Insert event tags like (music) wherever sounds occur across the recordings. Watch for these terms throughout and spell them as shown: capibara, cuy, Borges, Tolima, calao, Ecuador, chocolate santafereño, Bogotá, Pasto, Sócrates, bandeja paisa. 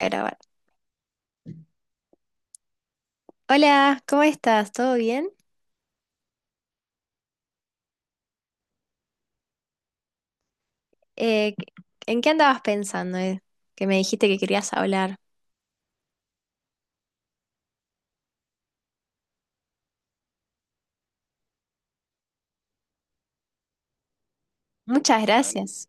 A grabar. Hola, ¿cómo estás? ¿Todo bien? Eh, ¿En qué andabas pensando, eh? Que me dijiste que querías hablar. Muchas gracias.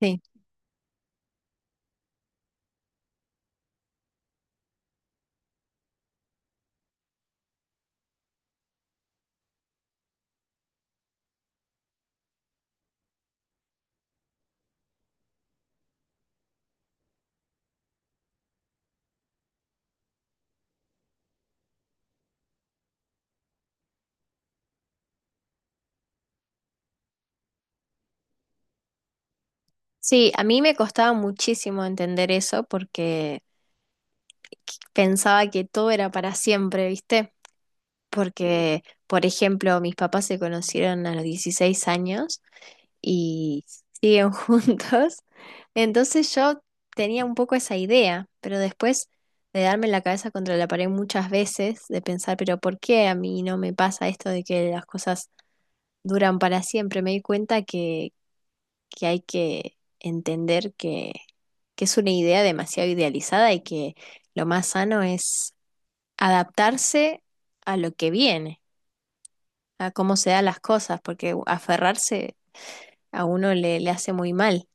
Sí. Sí, a mí me costaba muchísimo entender eso porque pensaba que todo era para siempre, ¿viste? Porque, por ejemplo, mis papás se conocieron a los 16 años y siguen (laughs) juntos. Entonces yo tenía un poco esa idea, pero después de darme la cabeza contra la pared muchas veces, de pensar, pero ¿por qué a mí no me pasa esto de que las cosas duran para siempre? Me di cuenta que hay que entender que es una idea demasiado idealizada y que lo más sano es adaptarse a lo que viene, a cómo se dan las cosas, porque aferrarse a uno le hace muy mal.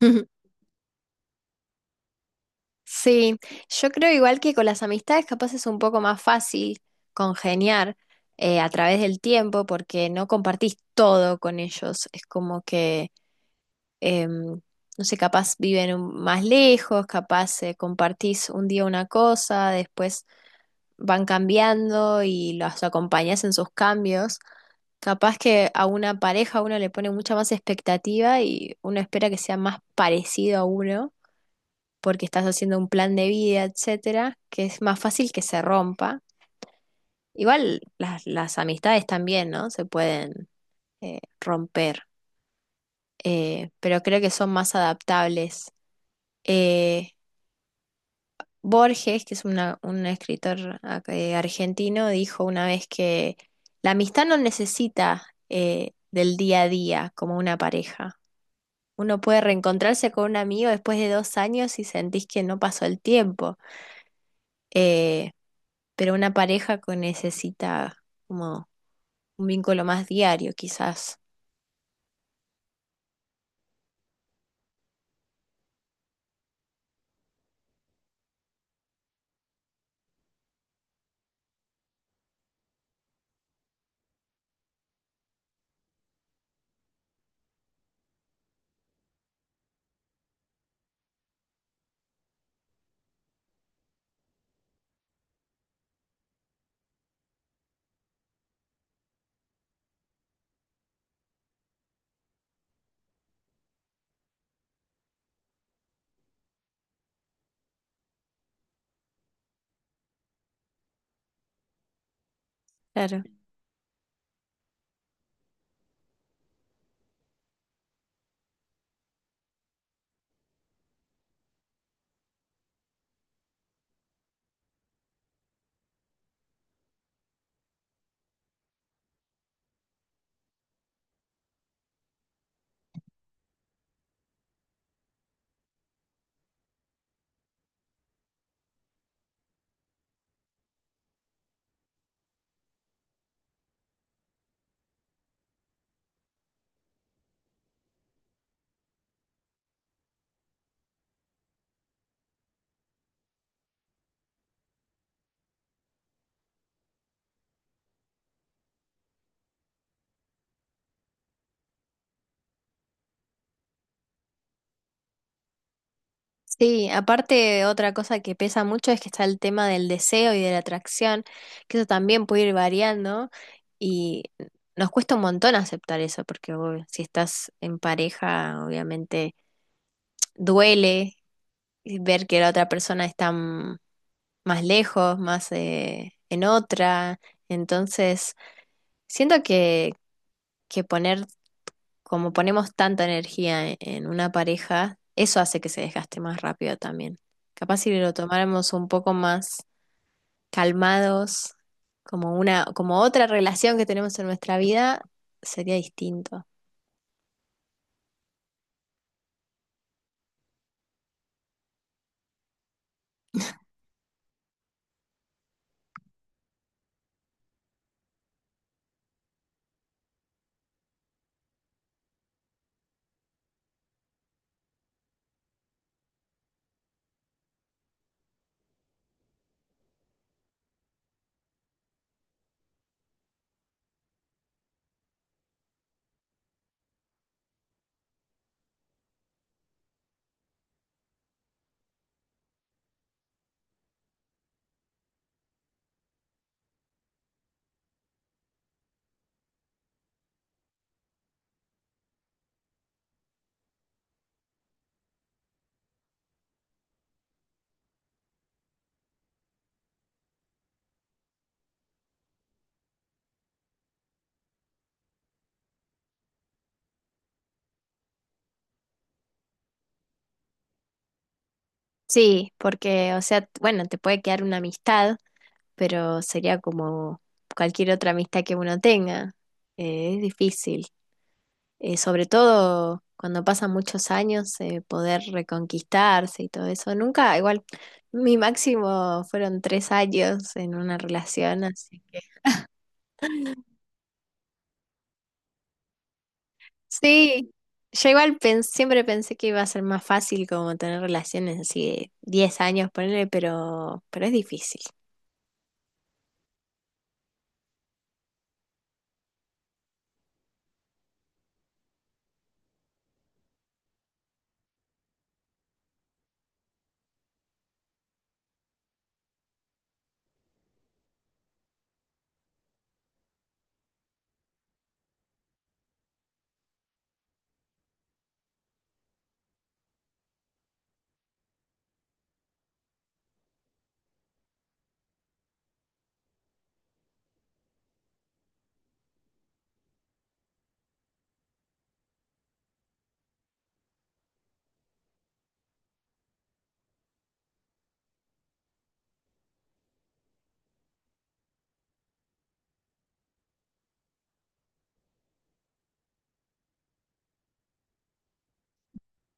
(laughs) Sí, yo creo igual que con las amistades capaz es un poco más fácil congeniar a través del tiempo porque no compartís todo con ellos. Es como que, em, no sé, capaz más lejos, capaz compartís un día una cosa, después van cambiando y los acompañás en sus cambios. Capaz que a una pareja uno le pone mucha más expectativa y uno espera que sea más parecido a uno porque estás haciendo un plan de vida, etcétera, que es más fácil que se rompa. Igual las amistades también, ¿no? Se pueden romper, pero creo que son más adaptables. Eh, Borges, que es un escritor argentino, dijo una vez que la amistad no necesita, del día a día como una pareja. Uno puede reencontrarse con un amigo después de 2 años y sentís que no pasó el tiempo. Eh, pero una pareja que necesita como un vínculo más diario, quizás. Claro. Sí, aparte otra cosa que pesa mucho es que está el tema del deseo y de la atracción, que eso también puede ir variando y nos cuesta un montón aceptar eso, porque uy, si estás en pareja, obviamente duele ver que la otra persona está, mm, más lejos, más en otra. Entonces, siento que poner como ponemos tanta energía en una pareja, eso hace que se desgaste más rápido también. Capaz si lo tomáramos un poco más calmados, como otra relación que tenemos en nuestra vida, sería distinto. Sí, porque, o sea, bueno, te puede quedar una amistad, pero sería como cualquier otra amistad que uno tenga. Es difícil. Eh, sobre todo cuando pasan muchos años, poder reconquistarse y todo eso. Nunca, igual, mi máximo fueron 3 años en una relación, así. Sí, yo igual siempre pensé que iba a ser más fácil como tener relaciones así de 10 años, ponerle, pero es difícil.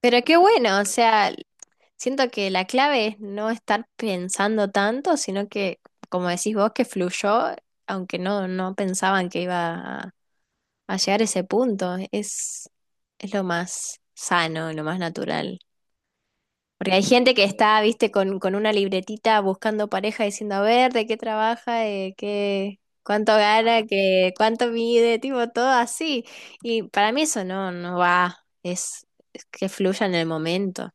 Pero qué bueno, o sea, siento que la clave es no estar pensando tanto, sino que, como decís vos, que fluyó, aunque no pensaban que iba a llegar a ese punto. Es lo más sano, lo más natural. Porque hay gente que está, viste, con una libretita buscando pareja, diciendo, a ver, de qué trabaja, de qué, cuánto gana, que, cuánto mide, tipo, todo así. Y para mí eso no va, es, es que fluya en el momento.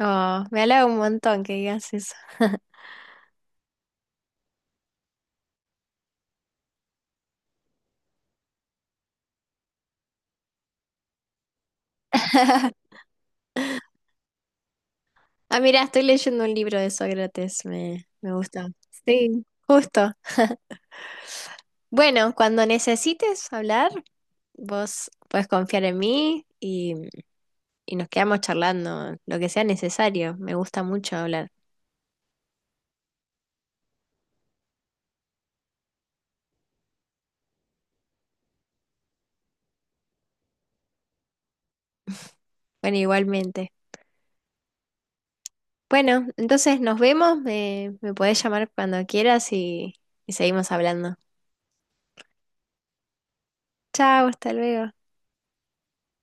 Oh, me halaga un montón que digas eso. (laughs) Ah, mira, estoy leyendo un libro de Sócrates, me gusta. Sí, justo. Bueno, cuando necesites hablar, vos podés confiar en mí y nos quedamos charlando lo que sea necesario. Me gusta mucho hablar. Bueno, igualmente. Bueno, entonces nos vemos. Me podés llamar cuando quieras y seguimos hablando. Chao, hasta luego.